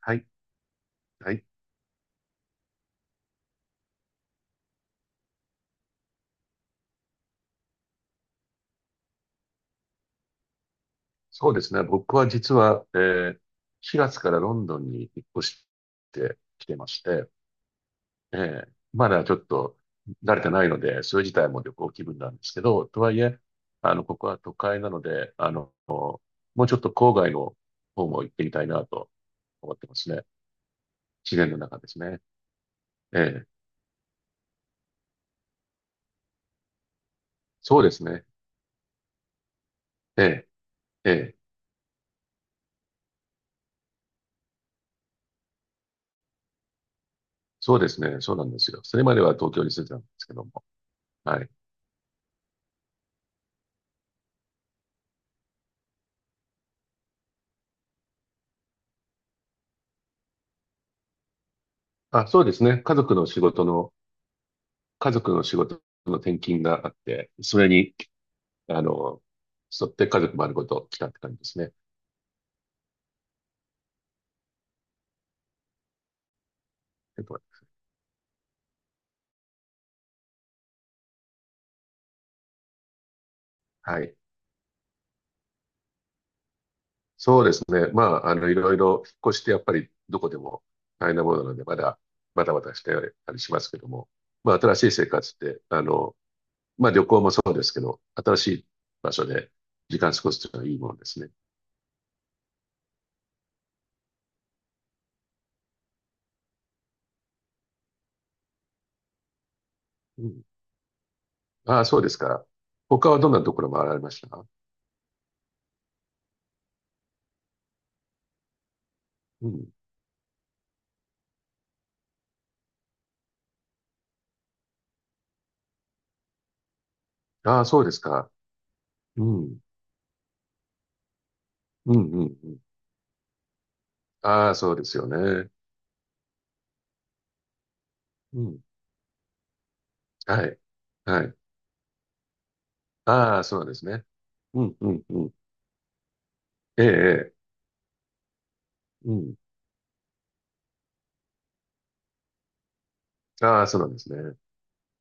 はい、はい。そうですね。僕は実は、4月からロンドンに引っ越してきてまして、まだちょっと慣れてないので、それ自体も旅行気分なんですけど、とはいえ、ここは都会なので、もうちょっと郊外の方も行ってみたいなと思ってますね。自然の中ですね。えー、そうですね。えー、えー、そうですね。そうなんですよ。それまでは東京に住んでたんですけども。はい。あ、そうですね。家族の仕事の転勤があって、それに、あの、沿って家族丸ごと来たって感じですね。えっとはい。そうですね。まあ、いろいろ引っ越しってやっぱりどこでも大変なものなので、まだ、バタバタしてたりしますけども、まあ、新しい生活って、まあ、旅行もそうですけど、新しい場所で時間過ごすというのはいいものですね。うん。ああ、そうですか。他はどんなところ回られました？うん。ああ、そうですか。うん。うん、うん、うん。ああ、そうですよね。うん。はい。はい。ああ、そうなんですね。うん、うん、うん、ええ、ええ、うん、ああ、そうなんですね。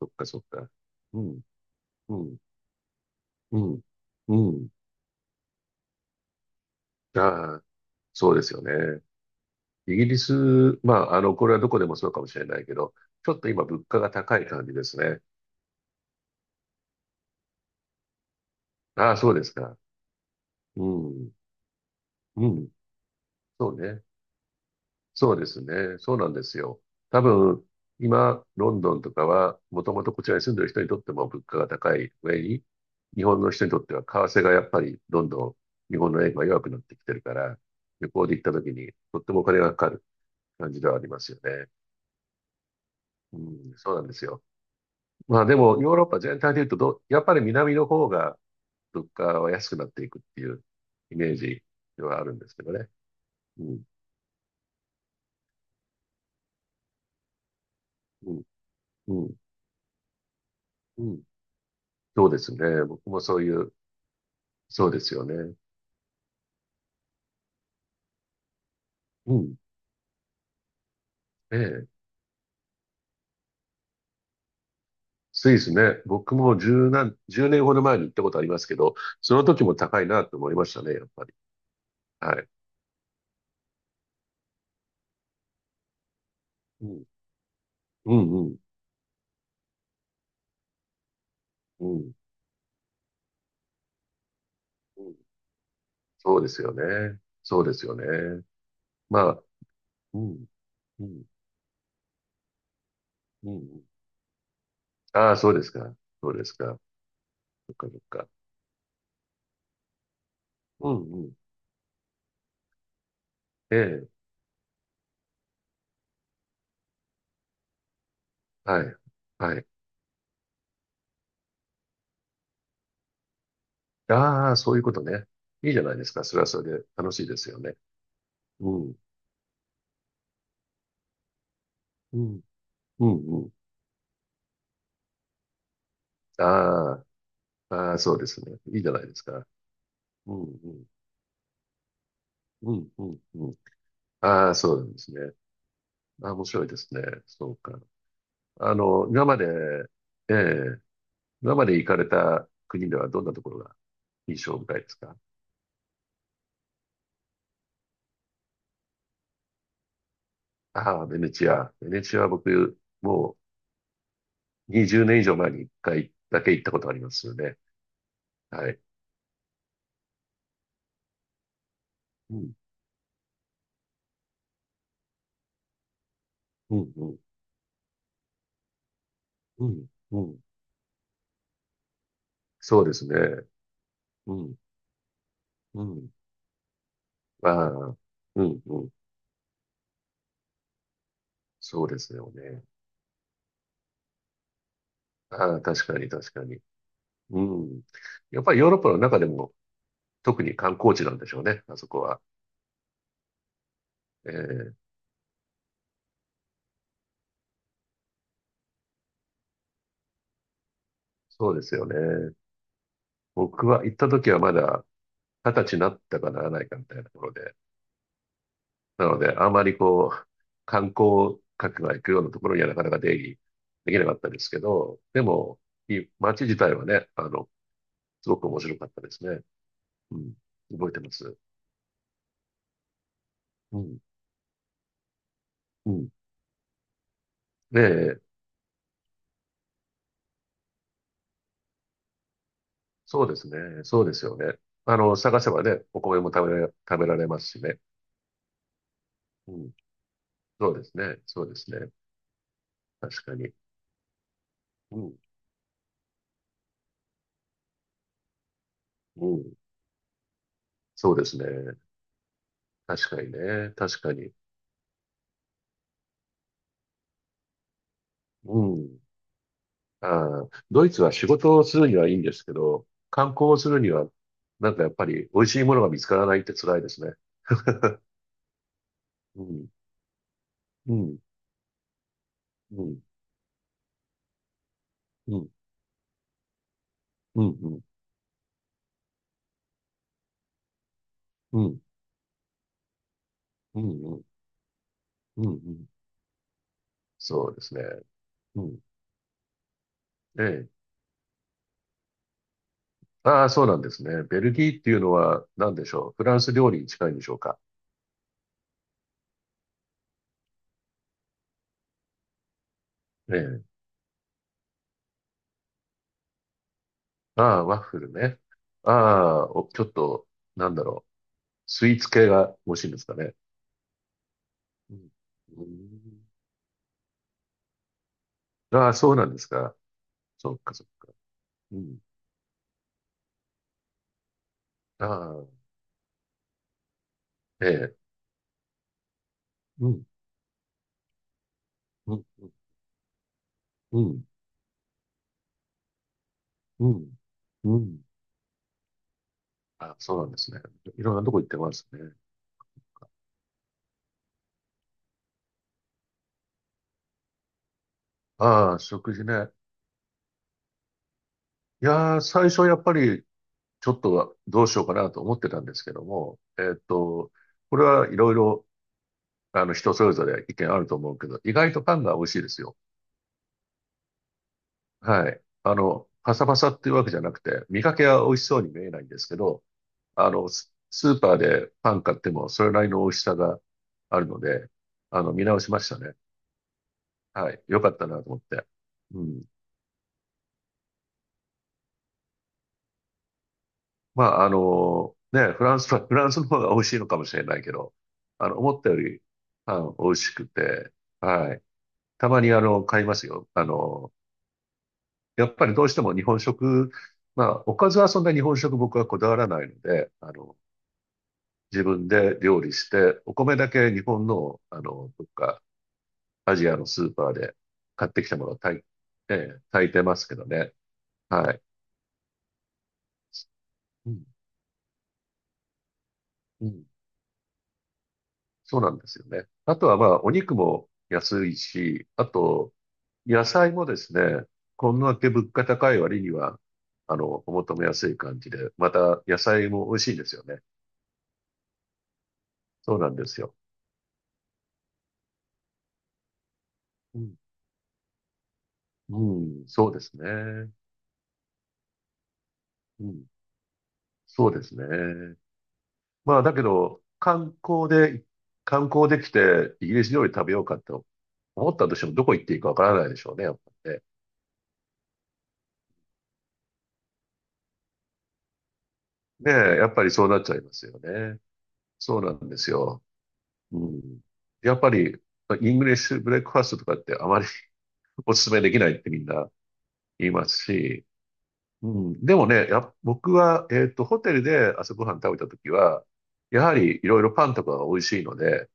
そっか、そっか。うん、うん、うん、うん。ああ、そうですよね。イギリス、まあ、これはどこでもそうかもしれないけど、ちょっと今物価が高い感じですね。ああ、そうですか。うん、うん、そうね。そうですね。そうなんですよ。多分、今、ロンドンとかは、もともとこちらに住んでる人にとっても物価が高い上に、日本の人にとっては為替がやっぱりどんどん日本の円が弱くなってきてるから、旅行で行った時にとってもお金がかかる感じではありますよね。うん、そうなんですよ。まあでも、ヨーロッパ全体で言うとど、やっぱり南の方が物価は安くなっていくっていうイメージではあるんですけどね。うん、うん、うん、うん。そうですね。僕もそういうそうですよね。うん。ええ。スイスね。僕も10年ほど前に行ったことありますけど、その時も高いなと思いましたね、やっぱり。はい。うん。うん、うん、うん。うん、そうですよね。そうですよね。まあ、うん、うん、うん。ああ、そうですか。そうですか。そっか、そっか。うん、うん。ええ。はい。はい。ああ、そういうことね。いいじゃないですか。それはそれで楽しいですよね。うん、うん、うん、うん。ああ。ああ、そうですね。いいじゃないですか。うん、うん、うん、うん、うん。ああ、そうなんですね。ああ、面白いですね。そうか。今まで、ええ、今まで行かれた国ではどんなところが印象深いですか？ああ、ベネチア。ベネチアは僕、もう20年以上前に1回だけ行ったことありますよね。はい。うん、うん、うん、うん、うん。そうですね。うん、うん。ああ、うん、うん。そうですよね。ああ、確かに確かに。うん。やっぱりヨーロッパの中でも特に観光地なんでしょうね、あそこは。えーそうですよね。僕は行った時はまだ二十歳になったかならないかみたいなところで。なので、あまりこう、観光客が行くようなところにはなかなか出入りできなかったですけど、でも、いい街自体はね、すごく面白かったですね。うん。覚えてます。うん。うん。で、そうですね。そうですよね。探せばね、お米も食べられますしね。うん。そうですね。そうですね。確かに。うん。うん。そうですね。確かにね。確かに。うん。あー、ドイツは仕事をするにはいいんですけど、観光をするには、なんかやっぱり美味しいものが見つからないって辛いですね。うん。うん。うん。うん。うん。うん。うん。うん。うん。うん、そうですね。うん。ええ。ああ、そうなんですね。ベルギーっていうのは何でしょう。フランス料理に近いんでしょうか。ええ。ああ、ワッフルね。ああ、お、ちょっと、なんだろう。スイーツ系が欲しいんですかね。うん。うん、ああ、そうなんですか。そっかそっか。うん。ああ、ええ。うん、うん、うん、うん、うん。あ、そうなんですね。いろんなとこ行ってますね。ああ、食事ね。いやー、最初やっぱり、ちょっとはどうしようかなと思ってたんですけども、これはいろいろ、人それぞれ意見あると思うけど、意外とパンが美味しいですよ。はい。パサパサっていうわけじゃなくて、見かけは美味しそうに見えないんですけど、ススーパーでパン買ってもそれなりの美味しさがあるので、見直しましたね。はい。よかったなと思って。うん。まあ、フランスは、フランスの方が美味しいのかもしれないけど、思ったよりパン美味しくて、はい。たまに買いますよ。やっぱりどうしても日本食、まあ、おかずはそんな日本食僕はこだわらないので、自分で料理して、お米だけ日本の、どっかアジアのスーパーで買ってきたものを炊いてますけどね。はい。うん、うん。そうなんですよね。あとはまあ、お肉も安いし、あと、野菜もですね、こんだけ物価高い割には、お求めやすい感じで、また野菜も美味しいんですよね。そうなんですよ。うん、うん、そうですね。うん、そうですね。まあ、だけど、観光で、観光できて、イギリス料理食べようかと思ったとしても、どこ行っていいかわからないでしょうね、やっぱりね。ねえ、やっぱりそうなっちゃいますよね。そうなんですよ。うん。やっぱり、イングリッシュブレックファーストとかってあまり お勧めできないってみんな言いますし、うん。でもね、僕は、ホテルで朝ごはん食べたときは、やはりいろいろパンとかが美味しいので、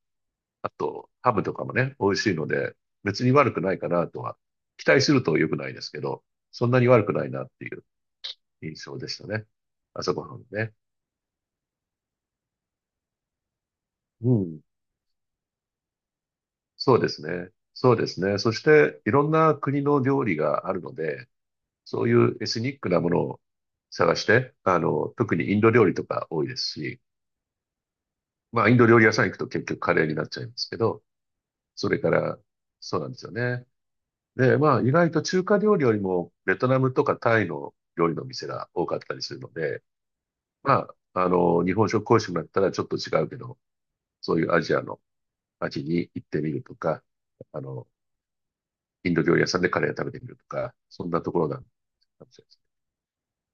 あと、ハムとかもね、美味しいので、別に悪くないかなとは、期待すると良くないですけど、そんなに悪くないなっていう印象でしたね。朝ごはんね。うん。そうですね。そうですね。そして、いろんな国の料理があるので、そういうエスニックなものを探して、特にインド料理とか多いですし、まあ、インド料理屋さん行くと結局カレーになっちゃいますけど、それから、そうなんですよね。で、まあ、意外と中華料理よりも、ベトナムとかタイの料理の店が多かったりするので、まあ、日本食講師もだったらちょっと違うけど、そういうアジアの街に行ってみるとか、あの、インド料理屋さんでカレーを食べてみるとか、そんなところなんかもしれ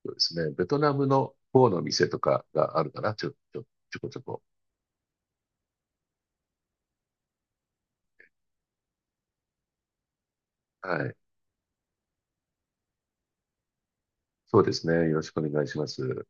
ないですね。そうですね。ベトナムの方の店とかがあるかな、ちょこちょこ。はい。そうですね。よろしくお願いします。